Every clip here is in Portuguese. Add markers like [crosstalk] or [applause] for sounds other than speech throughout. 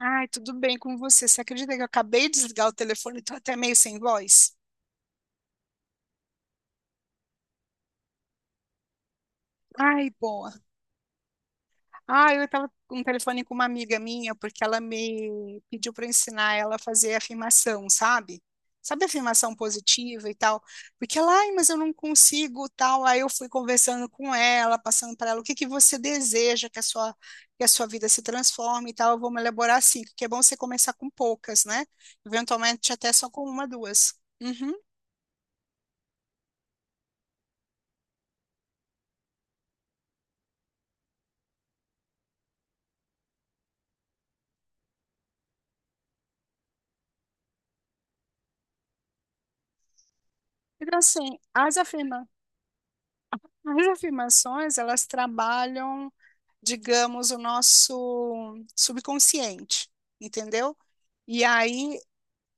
Ai, tudo bem com você? Você acredita que eu acabei de desligar o telefone e tô até meio sem voz? Ai, boa. Ai, eu tava com um telefone com uma amiga minha, porque ela me pediu para ensinar ela a fazer afirmação, sabe? Sabe afirmação positiva e tal? Porque ela, ai, mas eu não consigo, tal. Aí eu fui conversando com ela, passando para ela o que que você deseja que a sua vida se transforme e tal. Eu vou me elaborar assim, porque é bom você começar com poucas, né? Eventualmente até só com uma, duas. Uhum. Então, assim, as afirmações, elas trabalham, digamos, o nosso subconsciente, entendeu? E aí,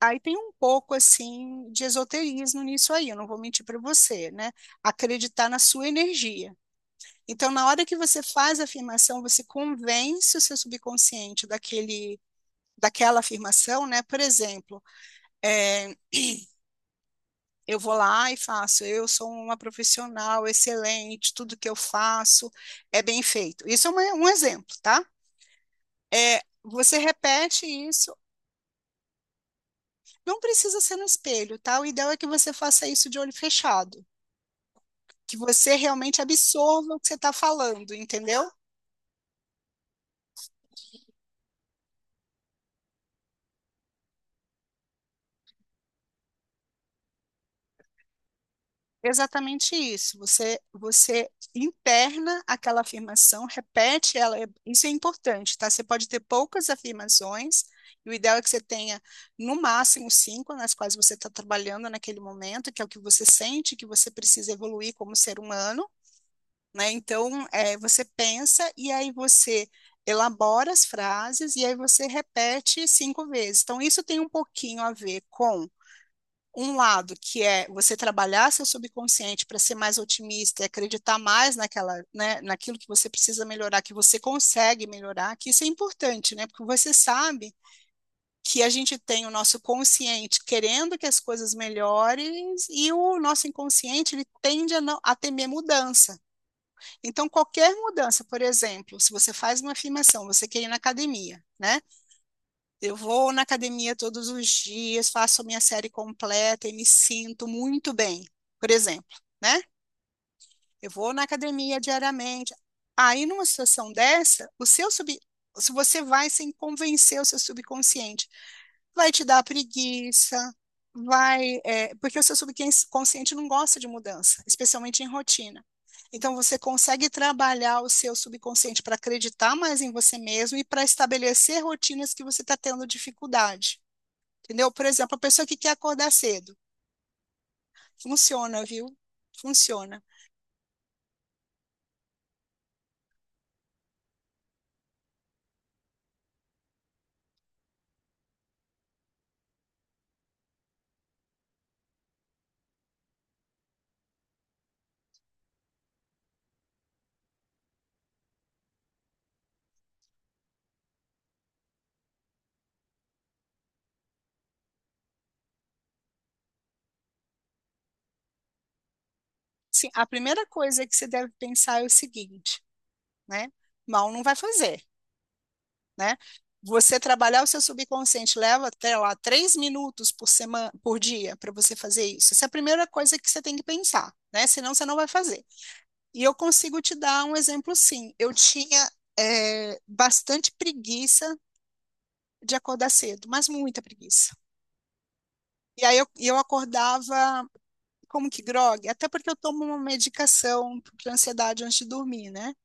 aí tem um pouco, assim, de esoterismo nisso aí, eu não vou mentir para você, né? Acreditar na sua energia. Então, na hora que você faz a afirmação, você convence o seu subconsciente daquele, daquela afirmação, né? Por exemplo, é, eu vou lá e faço. Eu sou uma profissional excelente, tudo que eu faço é bem feito. Isso é um exemplo, tá? É, você repete isso, não precisa ser no espelho, tá? O ideal é que você faça isso de olho fechado, que você realmente absorva o que você está falando, entendeu? Exatamente isso. Você interna aquela afirmação, repete ela. Isso é importante, tá? Você pode ter poucas afirmações, e o ideal é que você tenha no máximo cinco nas quais você está trabalhando naquele momento, que é o que você sente que você precisa evoluir como ser humano, né? Então, você pensa e aí você elabora as frases e aí você repete cinco vezes. Então, isso tem um pouquinho a ver com um lado que é você trabalhar seu subconsciente para ser mais otimista e acreditar mais naquela, né, naquilo que você precisa melhorar, que você consegue melhorar, que isso é importante, né? Porque você sabe que a gente tem o nosso consciente querendo que as coisas melhorem e o nosso inconsciente ele tende a, não, a temer mudança. Então qualquer mudança, por exemplo, se você faz uma afirmação, você quer ir na academia, né? Eu vou na academia todos os dias, faço a minha série completa e me sinto muito bem, por exemplo, né? Eu vou na academia diariamente. Aí, numa situação dessa, se você vai sem convencer o seu subconsciente, vai te dar preguiça, vai. Porque o seu subconsciente não gosta de mudança, especialmente em rotina. Então, você consegue trabalhar o seu subconsciente para acreditar mais em você mesmo e para estabelecer rotinas que você está tendo dificuldade. Entendeu? Por exemplo, a pessoa que quer acordar cedo. Funciona, viu? Funciona. Sim, a primeira coisa que você deve pensar é o seguinte, né? Mal não vai fazer, né? Você trabalhar o seu subconsciente leva até lá 3 minutos por semana, por dia, para você fazer isso. Essa é a primeira coisa que você tem que pensar, né? Senão você não vai fazer. E eu consigo te dar um exemplo, sim. Eu tinha bastante preguiça de acordar cedo, mas muita preguiça. E aí eu acordava como que grog? Até porque eu tomo uma medicação para ansiedade antes de dormir, né?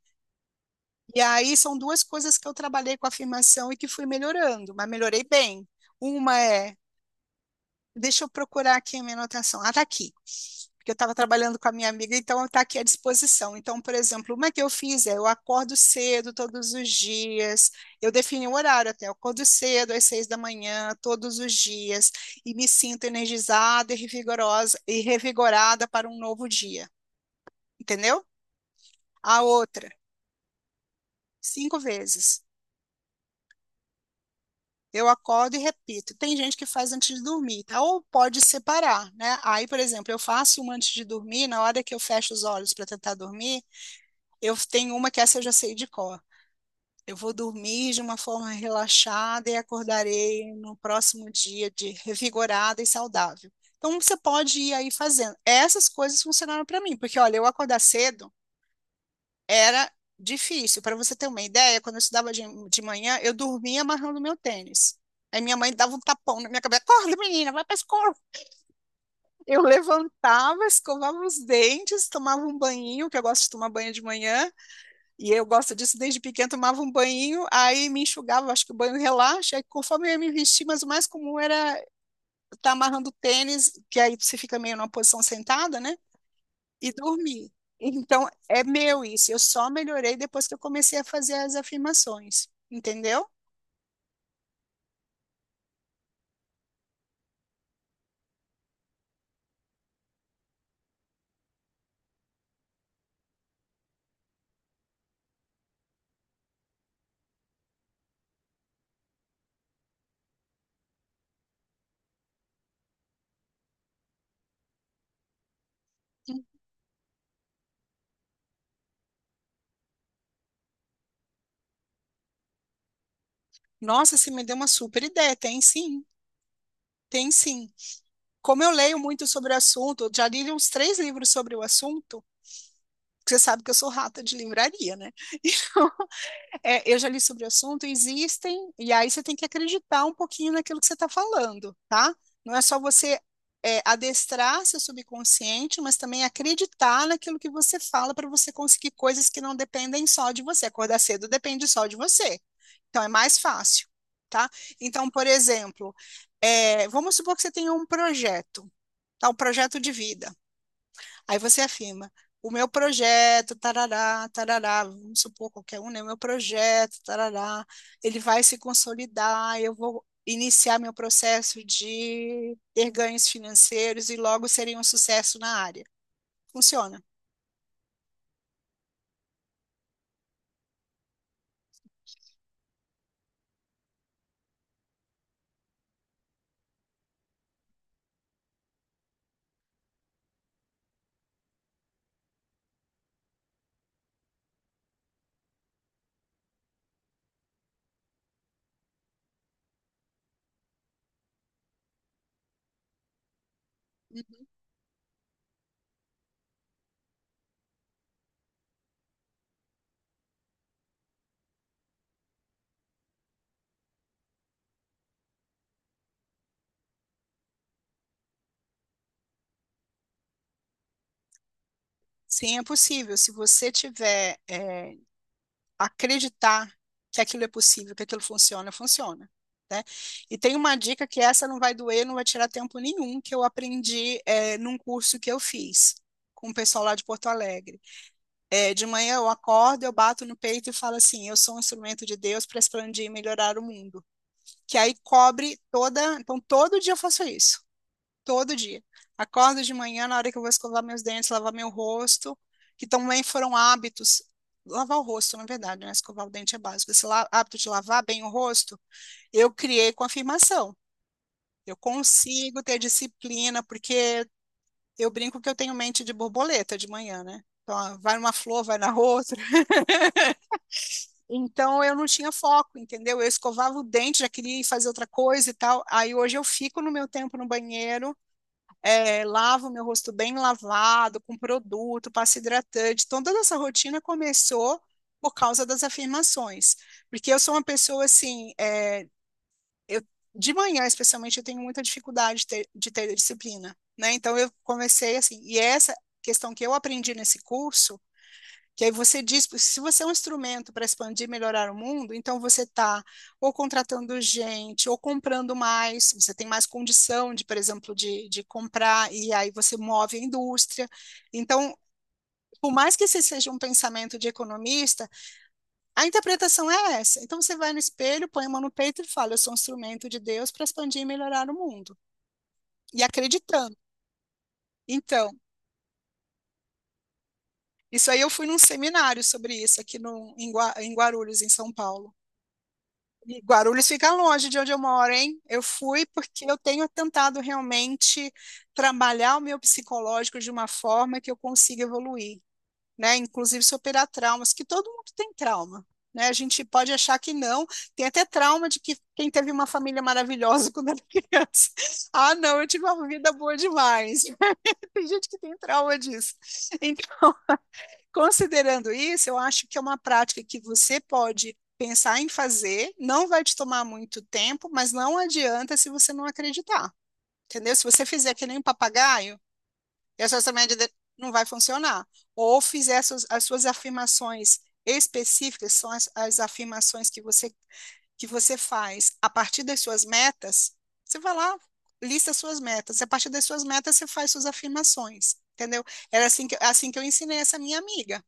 E aí são duas coisas que eu trabalhei com afirmação e que fui melhorando, mas melhorei bem. Uma é, deixa eu procurar aqui a minha anotação. Ah, tá aqui. Porque eu estava trabalhando com a minha amiga, então está aqui à disposição. Então, por exemplo, uma que eu fiz é: eu acordo cedo todos os dias, eu defini o horário até, eu acordo cedo às 6 da manhã, todos os dias, e me sinto energizada e revigorosa, e revigorada para um novo dia, entendeu? A outra, cinco vezes. Eu acordo e repito. Tem gente que faz antes de dormir, tá? Ou pode separar, né? Aí, por exemplo, eu faço uma antes de dormir, na hora que eu fecho os olhos para tentar dormir, eu tenho uma que essa eu já sei de cor. Eu vou dormir de uma forma relaxada e acordarei no próximo dia de revigorada e saudável. Então, você pode ir aí fazendo. Essas coisas funcionaram para mim, porque olha, eu acordar cedo era difícil. Para você ter uma ideia, quando eu estudava de manhã, eu dormia amarrando meu tênis. Aí minha mãe dava um tapão na minha cabeça, acorda, menina, vai para a escola. Eu levantava, escovava os dentes, tomava um banhinho, que eu gosto de tomar banho de manhã, e eu gosto disso desde pequena, tomava um banho, aí me enxugava, acho que o banho relaxa, aí conforme eu ia me vestir, mas o mais comum era estar amarrando o tênis, que aí você fica meio numa posição sentada, né? E dormi. Então, é meu isso. Eu só melhorei depois que eu comecei a fazer as afirmações, entendeu? Nossa, você me deu uma super ideia. Tem sim, tem sim. Como eu leio muito sobre o assunto, eu já li uns três livros sobre o assunto. Você sabe que eu sou rata de livraria, né? [laughs] É, eu já li sobre o assunto, existem, e aí você tem que acreditar um pouquinho naquilo que você está falando, tá? Não é só você adestrar seu subconsciente, mas também acreditar naquilo que você fala para você conseguir coisas que não dependem só de você. Acordar cedo depende só de você, então é mais fácil, tá? Então, por exemplo, vamos supor que você tenha um projeto, tá? Um projeto de vida. Aí você afirma, o meu projeto, tarará, tarará, vamos supor qualquer um, né? O meu projeto, tarará, ele vai se consolidar, eu vou iniciar meu processo de ter ganhos financeiros e logo serei um sucesso na área. Funciona. Uhum. Sim, é possível. Se você tiver, acreditar que aquilo é possível, que aquilo funciona, funciona. Né? E tem uma dica que essa não vai doer, não vai tirar tempo nenhum, que eu aprendi num curso que eu fiz com o pessoal lá de Porto Alegre. É, de manhã eu acordo, eu bato no peito e falo assim: eu sou um instrumento de Deus para expandir e melhorar o mundo. Que aí cobre toda. Então, todo dia eu faço isso. Todo dia. Acordo de manhã, na hora que eu vou escovar meus dentes, lavar meu rosto, que também foram hábitos. Lavar o rosto, na verdade, né? Escovar o dente é básico. Hábito de lavar bem o rosto, eu criei com afirmação. Eu consigo ter disciplina, porque eu brinco que eu tenho mente de borboleta de manhã, né? Então, ah, vai numa flor, vai na [laughs] outra. Então, eu não tinha foco, entendeu? Eu escovava o dente, já queria ir fazer outra coisa e tal. Aí, hoje, eu fico no meu tempo no banheiro, lavo meu rosto bem lavado, com produto, passa hidratante. Então, toda essa rotina começou por causa das afirmações. Porque eu sou uma pessoa assim, eu, de manhã, especialmente, eu tenho muita dificuldade de ter disciplina, né? Então, eu comecei assim, e essa questão que eu aprendi nesse curso que aí você diz, se você é um instrumento para expandir e melhorar o mundo, então você está ou contratando gente, ou comprando mais, você tem mais condição de, por exemplo, de comprar, e aí você move a indústria. Então, por mais que esse seja um pensamento de economista, a interpretação é essa. Então você vai no espelho, põe a mão no peito e fala: eu sou um instrumento de Deus para expandir e melhorar o mundo. E acreditando. Então, isso aí eu fui num seminário sobre isso aqui no, em Guarulhos, em São Paulo. E Guarulhos fica longe de onde eu moro, hein? Eu fui porque eu tenho tentado realmente trabalhar o meu psicológico de uma forma que eu consiga evoluir, né? Inclusive superar traumas, que todo mundo tem trauma, né? A gente pode achar que não, tem até trauma de que quem teve uma família maravilhosa [laughs] quando era criança. [laughs] Ah, não, eu tive uma vida boa demais. [laughs] Tem gente que tem trauma disso. Então, considerando isso, eu acho que é uma prática que você pode pensar em fazer, não vai te tomar muito tempo, mas não adianta se você não acreditar, entendeu? Se você fizer que nem um papagaio, e a sua média de- não vai funcionar. Ou fizer as suas afirmações específicas, são as afirmações que você faz a partir das suas metas, você vai lá, lista as suas metas, e a partir das suas metas você faz suas afirmações, entendeu? Era assim que eu ensinei essa minha amiga.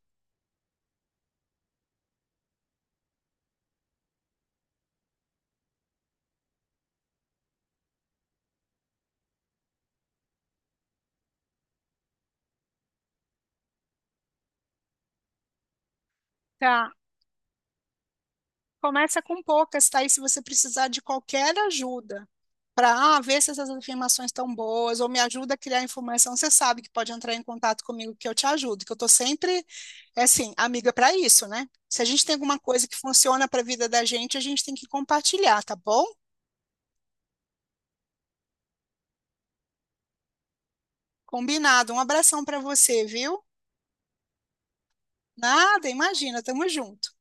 Tá. Começa com poucas, tá? E se você precisar de qualquer ajuda para ver se essas afirmações estão boas ou me ajuda a criar informação, você sabe que pode entrar em contato comigo que eu te ajudo, que eu tô sempre, é assim, amiga para isso, né? Se a gente tem alguma coisa que funciona para a vida da gente, a gente tem que compartilhar, tá bom? Combinado. Um abração para você, viu? Nada, imagina, tamo junto.